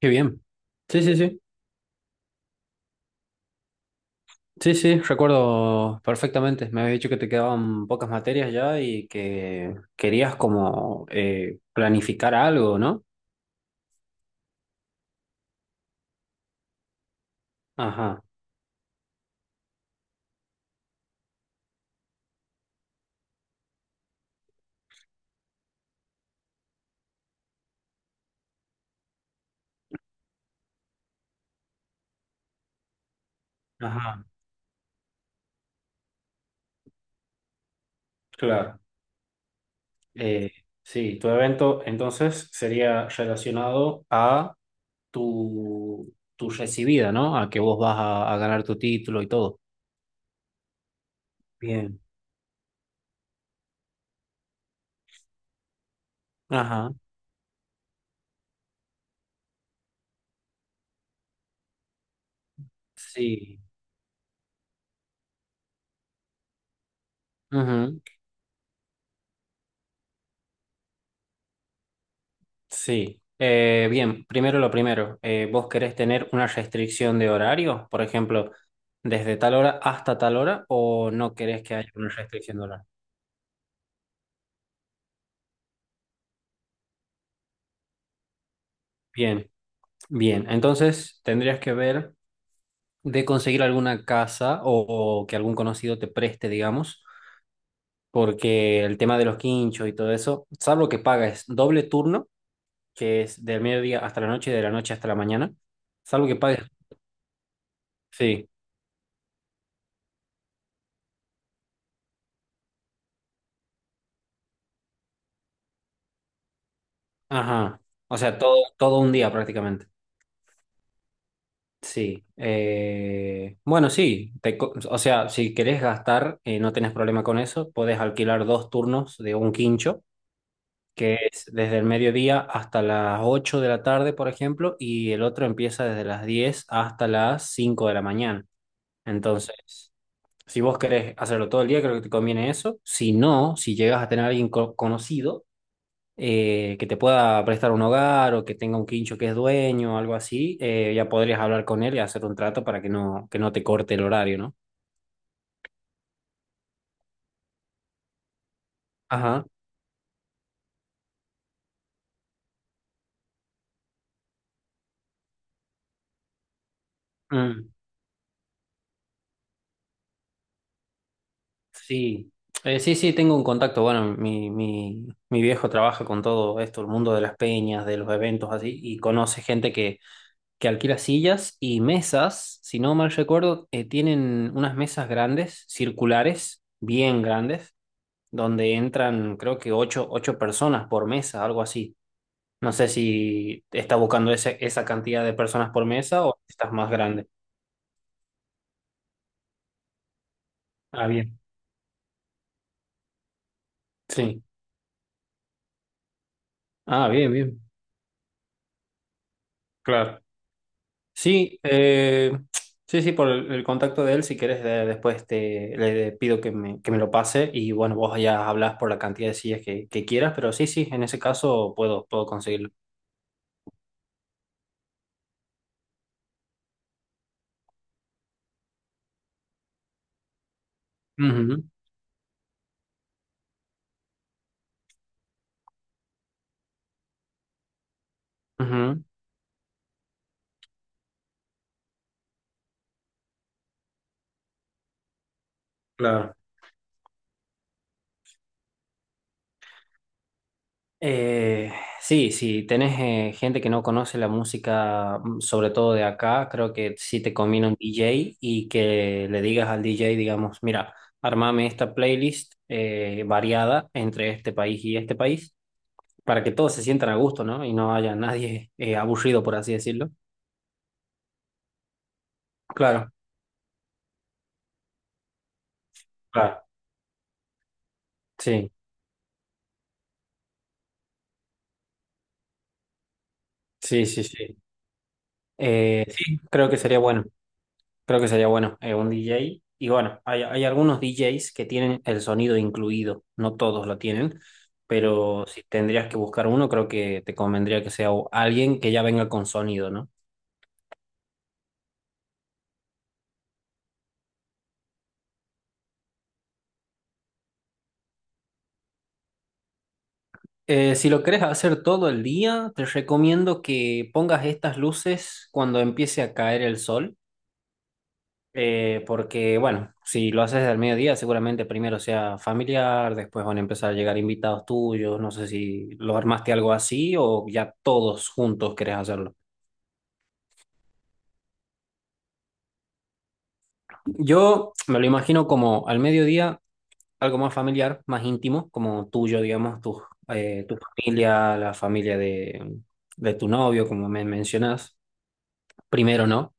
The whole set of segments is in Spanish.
Qué bien. Sí, sí, sí. Sí, sí, recuerdo perfectamente. Me habías dicho que te quedaban pocas materias ya y que querías como planificar algo, ¿no? Ajá, ajá, claro. Eh, sí, tu evento entonces sería relacionado a tu recibida, ¿no? A que vos vas a ganar tu título y todo. Bien. Ajá, sí. Sí, bien, primero lo primero, ¿vos querés tener una restricción de horario? Por ejemplo, desde tal hora hasta tal hora o no querés que haya una restricción de horario? Bien, bien, entonces tendrías que ver de conseguir alguna casa o que algún conocido te preste, digamos, porque el tema de los quinchos y todo eso, salvo que pagues doble turno, que es del mediodía hasta la noche y de la noche hasta la mañana, salvo que pagues, sí, ajá, o sea, todo, todo un día prácticamente. Sí, bueno, sí, o sea, si querés gastar, no tenés problema con eso, podés alquilar dos turnos de un quincho, que es desde el mediodía hasta las 8 de la tarde, por ejemplo, y el otro empieza desde las 10 hasta las 5 de la mañana. Entonces, si vos querés hacerlo todo el día, creo que te conviene eso. Si no, si llegas a tener a alguien conocido, que te pueda prestar un hogar o que tenga un quincho que es dueño o algo así, ya podrías hablar con él y hacer un trato para que no te corte el horario, ¿no? Ajá. Mm, sí. Sí, sí, tengo un contacto. Bueno, mi viejo trabaja con todo esto, el mundo de las peñas, de los eventos así, y conoce gente que alquila sillas y mesas, si no mal recuerdo, tienen unas mesas grandes, circulares, bien grandes, donde entran creo que ocho, ocho personas por mesa, algo así. No sé si está buscando esa cantidad de personas por mesa o estás más grande. Ah, bien. Sí. Ah, bien, bien. Claro. Sí, sí, sí, por el contacto de él, si quieres, después te, le pido que me lo pase y bueno, vos ya hablas por la cantidad de sillas que quieras, pero sí, sí, en ese caso puedo, puedo conseguirlo. Ujú, ujú, claro. Eh, sí, si tenés gente que no conoce la música, mm, sobre todo de acá, creo que sí te conviene un DJ y que le digas al DJ, digamos, mira, armame esta playlist variada entre este país y este país, para que todos se sientan a gusto, ¿no? Y no haya nadie aburrido, por así decirlo. Claro, claro. Sí, sí, sí, sí. Sí, creo que sería bueno. Creo que sería bueno, un DJ. Y bueno, hay algunos DJs que tienen el sonido incluido, no todos lo tienen, pero si tendrías que buscar uno, creo que te convendría que sea alguien que ya venga con sonido, ¿no? Si lo querés hacer todo el día, te recomiendo que pongas estas luces cuando empiece a caer el sol, porque bueno, si lo haces al mediodía, seguramente primero sea familiar, después van a empezar a llegar invitados tuyos, no sé si lo armaste algo así o ya todos juntos querés hacerlo. Yo me lo imagino como al mediodía, algo más familiar, más íntimo, como tuyo, digamos, tu, tu familia, la familia de tu novio, como me mencionas. Primero, ¿no?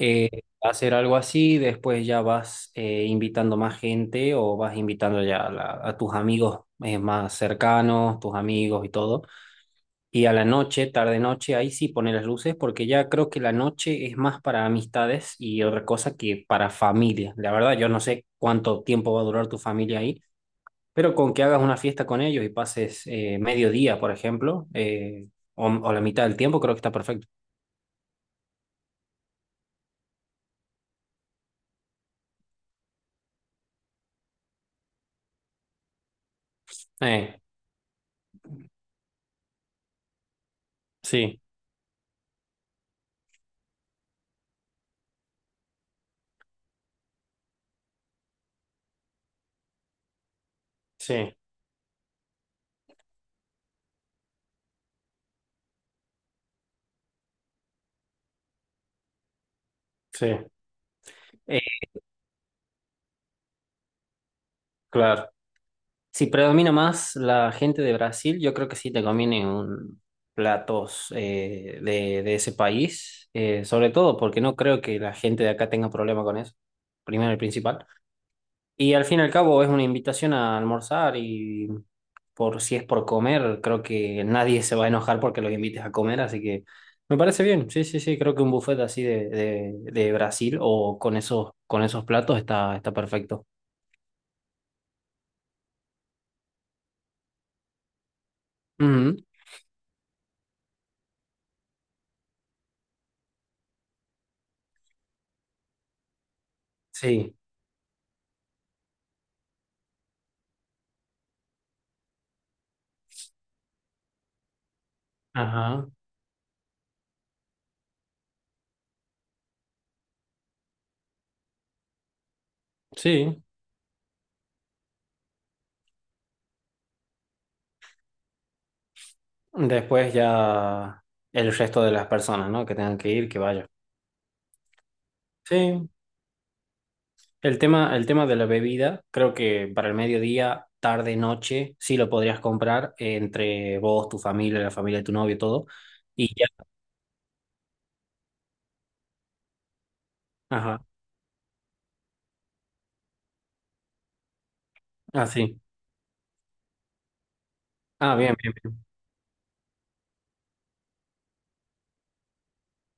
Eh, Hacer algo así, después ya vas invitando más gente o vas invitando ya a, a tus amigos más cercanos, tus amigos y todo. Y a la noche, tarde noche, ahí sí pone las luces porque ya creo que la noche es más para amistades y otra cosa que para familia. La verdad, yo no sé cuánto tiempo va a durar tu familia ahí, pero con que hagas una fiesta con ellos y pases mediodía, por ejemplo, o la mitad del tiempo, creo que está perfecto. Eh, sí, sí, sí. Eh, claro. Si predomina más la gente de Brasil, yo creo que sí te conviene un platos de ese país, sobre todo porque no creo que la gente de acá tenga problema con eso, primero y principal. Y al fin y al cabo es una invitación a almorzar y por si es por comer, creo que nadie se va a enojar porque los invites a comer, así que me parece bien, sí, sí, sí, creo que un buffet así de Brasil o con esos platos está, está perfecto. Ujú, sí, ajá, sí. Después ya el resto de las personas, ¿no? Que tengan que ir, que vayan. Sí, el tema de la bebida, creo que para el mediodía, tarde, noche, sí lo podrías comprar entre vos, tu familia, la familia de tu novio, todo. Y ya. Ajá. Ah, sí. Ah, bien, bien, bien.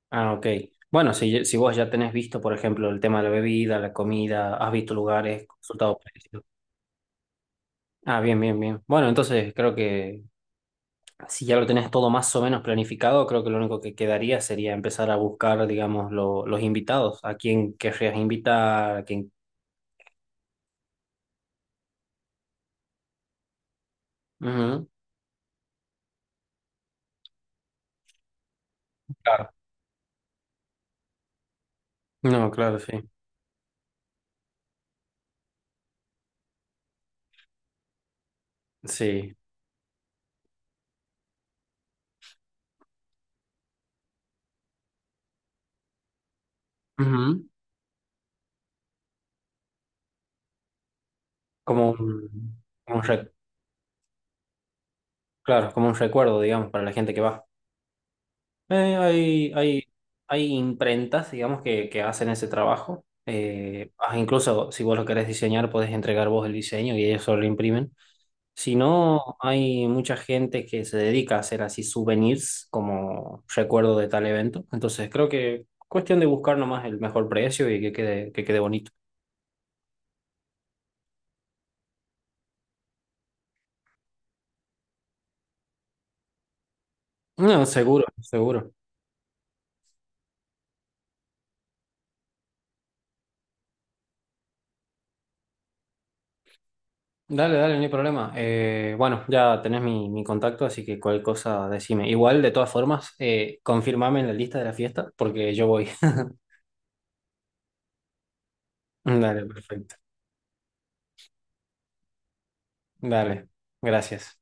Ah, ok. Bueno, si vos ya tenés visto, por ejemplo, el tema de la bebida, la comida, has visto lugares, consultado precios. Ah, bien, bien, bien. Bueno, entonces creo que si ya lo tenés todo más o menos planificado, creo que lo único que quedaría sería empezar a buscar, digamos, los invitados, a quién querrías invitar, a quién... Ujú. Claro. No, claro, sí. Sí. Ujú. Como un, claro, como un recuerdo, digamos, para la gente que va. Eh, hay, hay, Hay imprentas, digamos, que hacen ese trabajo. Incluso si vos lo querés diseñar, podés entregar vos el diseño y ellos solo lo imprimen. Si no, hay mucha gente que se dedica a hacer así souvenirs como recuerdo de tal evento. Entonces creo que cuestión de buscar nomás el mejor precio y que quede bonito. No, seguro, seguro. Dale, dale, no hay problema. Bueno, ya tenés mi contacto, así que cualquier cosa decime. Igual, de todas formas, confirmame en la lista de la fiesta porque yo voy. Dale, perfecto. Dale, gracias.